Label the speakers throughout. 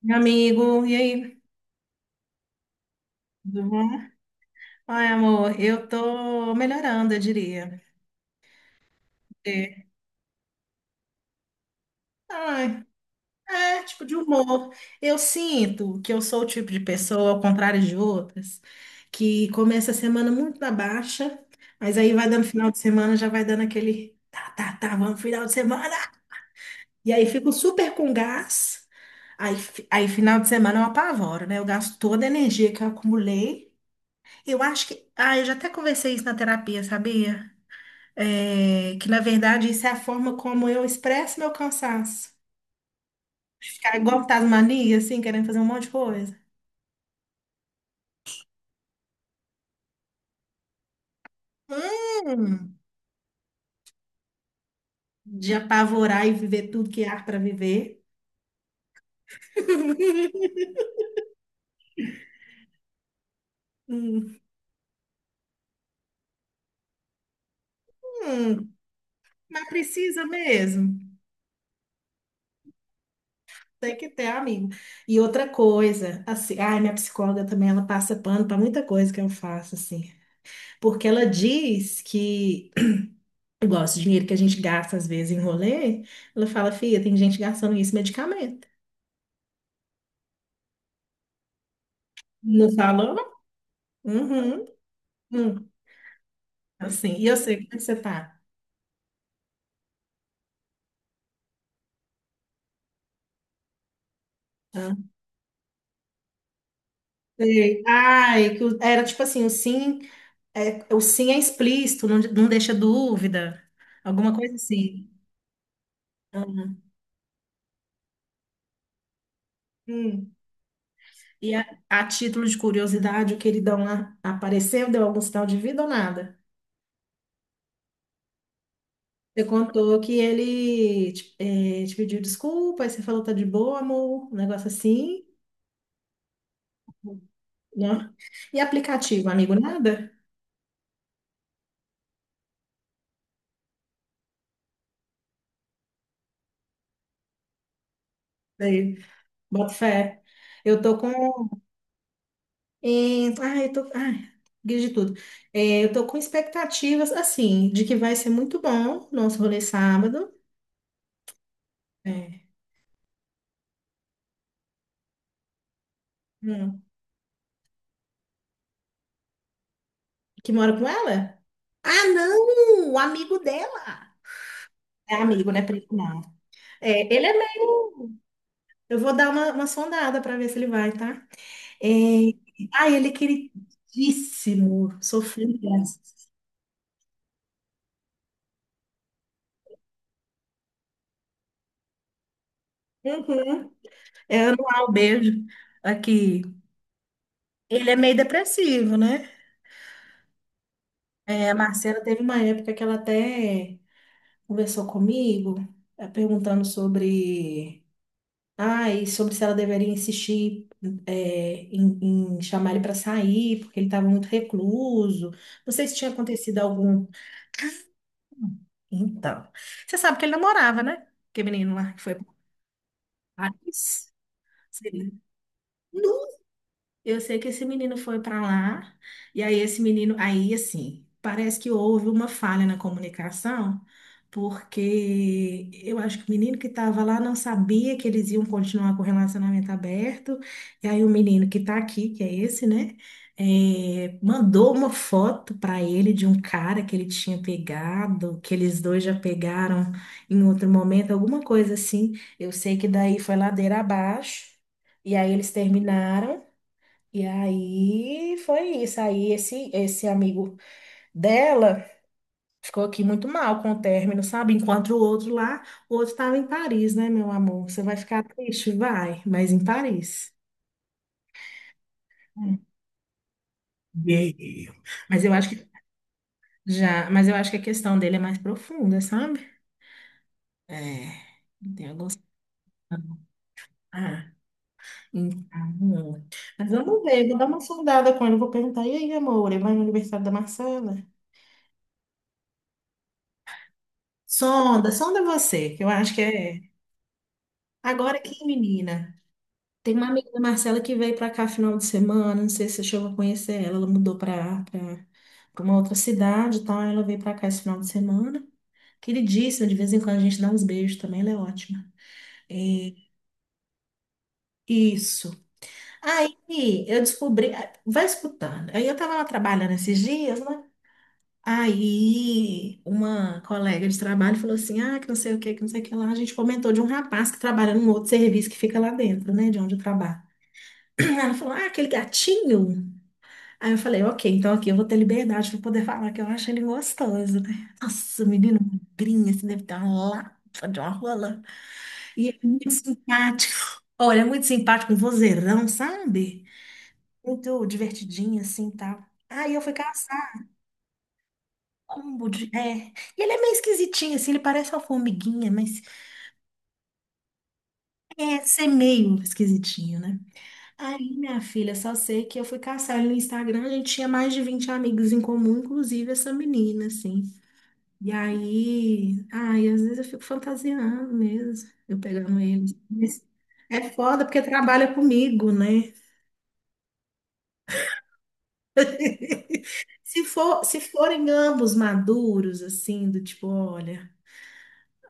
Speaker 1: Meu amigo, e aí? Tudo bom? Ai, amor, eu tô melhorando, eu diria. É. Ai, é, tipo de humor. Eu sinto que eu sou o tipo de pessoa, ao contrário de outras, que começa a semana muito na baixa, mas aí vai dando final de semana, já vai dando aquele tá, tá, tá, vamos final de semana. E aí fico super com gás. Aí, final de semana eu apavoro, né? Eu gasto toda a energia que eu acumulei. Eu acho que. Ah, eu já até conversei isso na terapia, sabia? É, que na verdade isso é a forma como eu expresso meu cansaço. Ficar igual Tasmania, assim, querendo fazer um monte de coisa. Hum, de apavorar e viver tudo que há para viver. Hum, hum, mas precisa mesmo. Tem que ter, amigo. E outra coisa, assim, ai, minha psicóloga também, ela passa pano para muita coisa que eu faço, assim. Porque ela diz que, igual esse dinheiro que a gente gasta às vezes em rolê, ela fala, filha, tem gente gastando isso em medicamento. Não falou? Uhum. Hum. Assim, e eu sei, como é que você tá? Ah, sei. Ai, que era tipo assim, o sim é explícito, não, não deixa dúvida, alguma coisa assim. Ah, hum. E a título de curiosidade, o queridão lá apareceu, deu algum sinal de vida ou nada? Você contou que ele te pediu desculpa, aí você falou tá de boa, amor, um negócio assim, né? E aplicativo, amigo, nada? Aí, bota fé. Eu tô com é, ah, eu tô, ah, guia de tudo. É, eu tô com expectativas, assim, de que vai ser muito bom nosso rolê sábado. É. Hum. Que mora com ela? Ah, não! O amigo dela! É amigo, né? Primo, não. É, ele é meio. Eu vou dar uma sondada para ver se ele vai, tá? É... Ah, ele é queridíssimo. Sofreu graças. Uhum. É, anual beijo aqui. Ele é meio depressivo, né? É, a Marcela teve uma época que ela até conversou comigo, perguntando sobre, ah, e sobre se ela deveria insistir em, em chamar ele para sair, porque ele estava muito recluso. Não sei se tinha acontecido algum. Então, você sabe que ele namorava, né? Que menino lá que foi para Paris. Sei lá. Eu sei que esse menino foi para lá, e aí esse menino, aí assim, parece que houve uma falha na comunicação, porque eu acho que o menino que estava lá não sabia que eles iam continuar com o relacionamento aberto, e aí o menino que está aqui, que é esse, né, mandou uma foto para ele de um cara que ele tinha pegado, que eles dois já pegaram em outro momento, alguma coisa assim. Eu sei que daí foi ladeira abaixo, e aí eles terminaram. E aí foi isso. Aí esse amigo dela ficou aqui muito mal com o término, sabe? Enquanto o outro lá, o outro estava em Paris, né, meu amor? Você vai ficar triste? Vai, mas em Paris. Yeah. Mas eu acho que já, mas eu acho que a questão dele é mais profunda, sabe? É, tem alguns. Ah, então. Mas vamos ver, vou dar uma sondada com ele. Vou perguntar, e aí, amor, ele vai no aniversário da Marcela? Sonda, sonda você, que eu acho que é. Agora aqui, menina, tem uma amiga da Marcela que veio para cá final de semana, não sei se você chegou a conhecer ela, ela mudou para uma outra cidade e tal, ela veio para cá esse final de semana. Queridíssima, de vez em quando a gente dá uns beijos também, ela é ótima. É, isso. Aí eu descobri, vai escutando. Aí eu tava lá trabalhando esses dias, né? Aí uma colega de trabalho falou assim: ah, que não sei o que, que não sei o que lá. A gente comentou de um rapaz que trabalha num outro serviço que fica lá dentro, né? De onde eu trabalho. Ela falou, ah, aquele gatinho. Aí eu falei, ok, então aqui eu vou ter liberdade para poder falar que eu acho ele gostoso, né? Nossa, o menino magrinho, assim, deve ter uma lapa de uma rola. E é muito simpático. Olha, é muito simpático, um vozeirão, sabe? Muito divertidinho, assim, tal. Aí eu fui caçar combo de... É. E ele é meio esquisitinho, assim, ele parece uma formiguinha, mas é, ser meio esquisitinho, né? Aí, minha filha, só sei que eu fui caçar ele no Instagram, a gente tinha mais de 20 amigos em comum, inclusive essa menina, assim. E aí, ai, às vezes eu fico fantasiando mesmo, eu pegando ele. Mas é foda porque trabalha comigo, né? Se for, se forem ambos maduros, assim, do tipo, olha,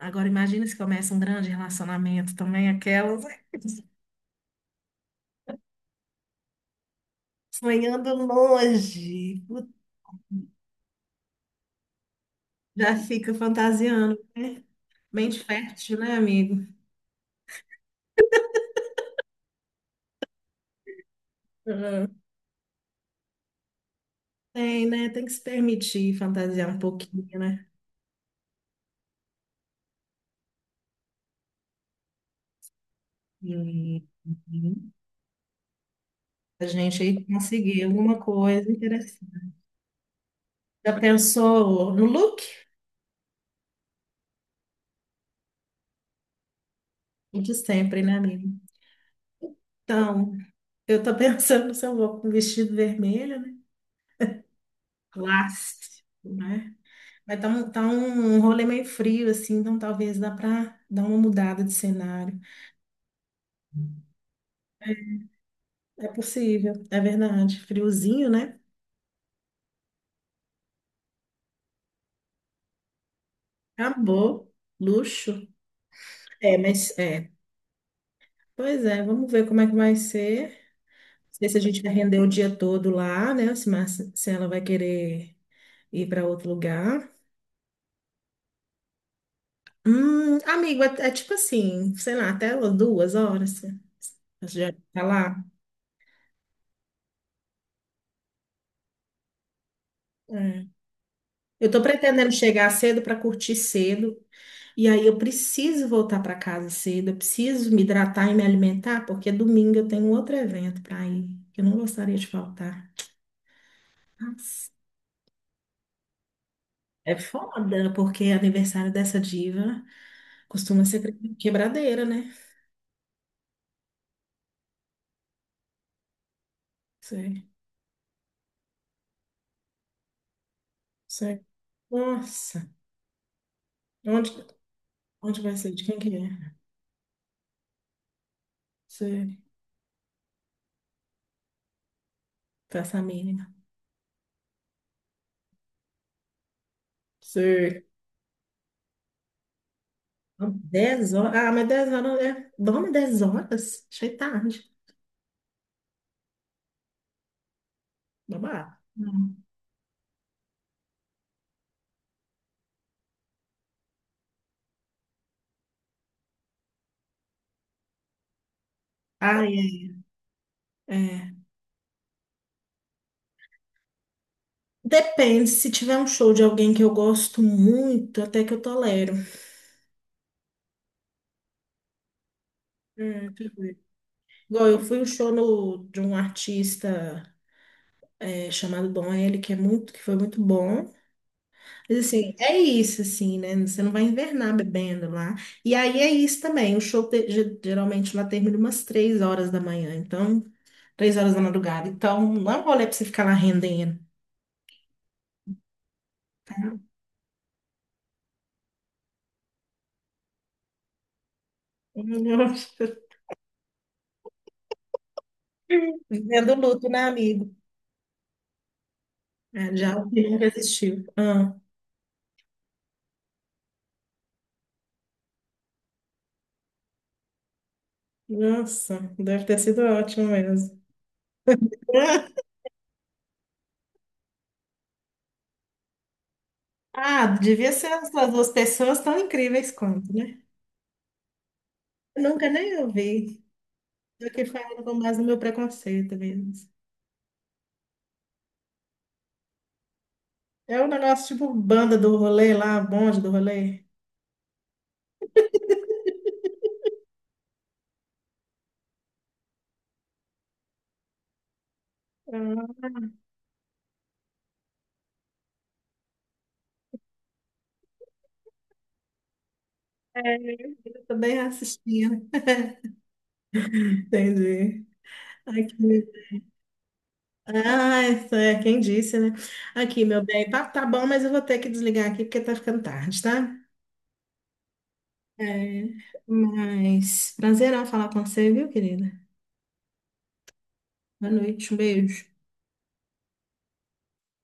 Speaker 1: agora imagina se começa um grande relacionamento também, aquelas sonhando longe, já fica fantasiando, né? Mente fértil, né, amigo? Uhum. Tem, né? Tem que se permitir fantasiar um pouquinho, né? E e a gente aí conseguir alguma coisa interessante. Já pensou no look? O de sempre, né, amigo? Então, eu tô pensando se eu vou com vestido vermelho, né? Clássico, né? Mas tá um rolê meio frio, assim, então talvez dá pra dar uma mudada de cenário. É possível, é verdade. Friozinho, né? Acabou. Luxo. É, mas é, pois é, vamos ver como é que vai ser. Não sei se a gente vai render o dia todo lá, né? Se ela vai querer ir para outro lugar. Amigo, é, é tipo assim, sei lá, até umas 2 horas. Você já tá lá. É. Eu tô pretendendo chegar cedo para curtir cedo. E aí eu preciso voltar para casa cedo. Eu preciso me hidratar e me alimentar, porque domingo eu tenho outro evento para ir, que eu não gostaria de faltar. Nossa, é foda, porque é aniversário dessa diva. Costuma ser quebradeira, né? Sei, sei. Nossa, onde, onde vai ser? De quem que é? Sei, praça mínima. Sei. 10 horas. Ah, mas 10 horas é. Dorme 10 horas? Achei tarde. Babado. Não. Ai, é. É. Depende, se tiver um show de alguém que eu gosto muito, até que eu tolero. É, deixa eu ver. Igual eu fui um show no, de um artista é, chamado Dom L, que é muito, que foi muito bom. Mas, assim, é isso, assim, né? Você não vai invernar bebendo lá. E aí é isso também. O show geralmente lá termina umas 3 horas da manhã, então, 3 horas da madrugada. Então, não é um rolê pra você ficar lá rendendo. Vivendo luto, né, amigo? É, já o que nunca existiu. Ah, nossa, deve ter sido ótimo mesmo. Ah, devia ser as 2 pessoas tão incríveis quanto, né? Eu nunca nem ouvi. Eu que falo com base no meu preconceito mesmo. É um negócio tipo banda do rolê lá, bonde do rolê. Ah, é, eu também assistindo. Entendi. Aqui. Ah, isso é quem disse, né? Aqui, meu bem, tá, tá bom, mas eu vou ter que desligar aqui porque tá ficando tarde, tá? É, mas prazerão falar com você, viu, querida? Boa noite, um beijo.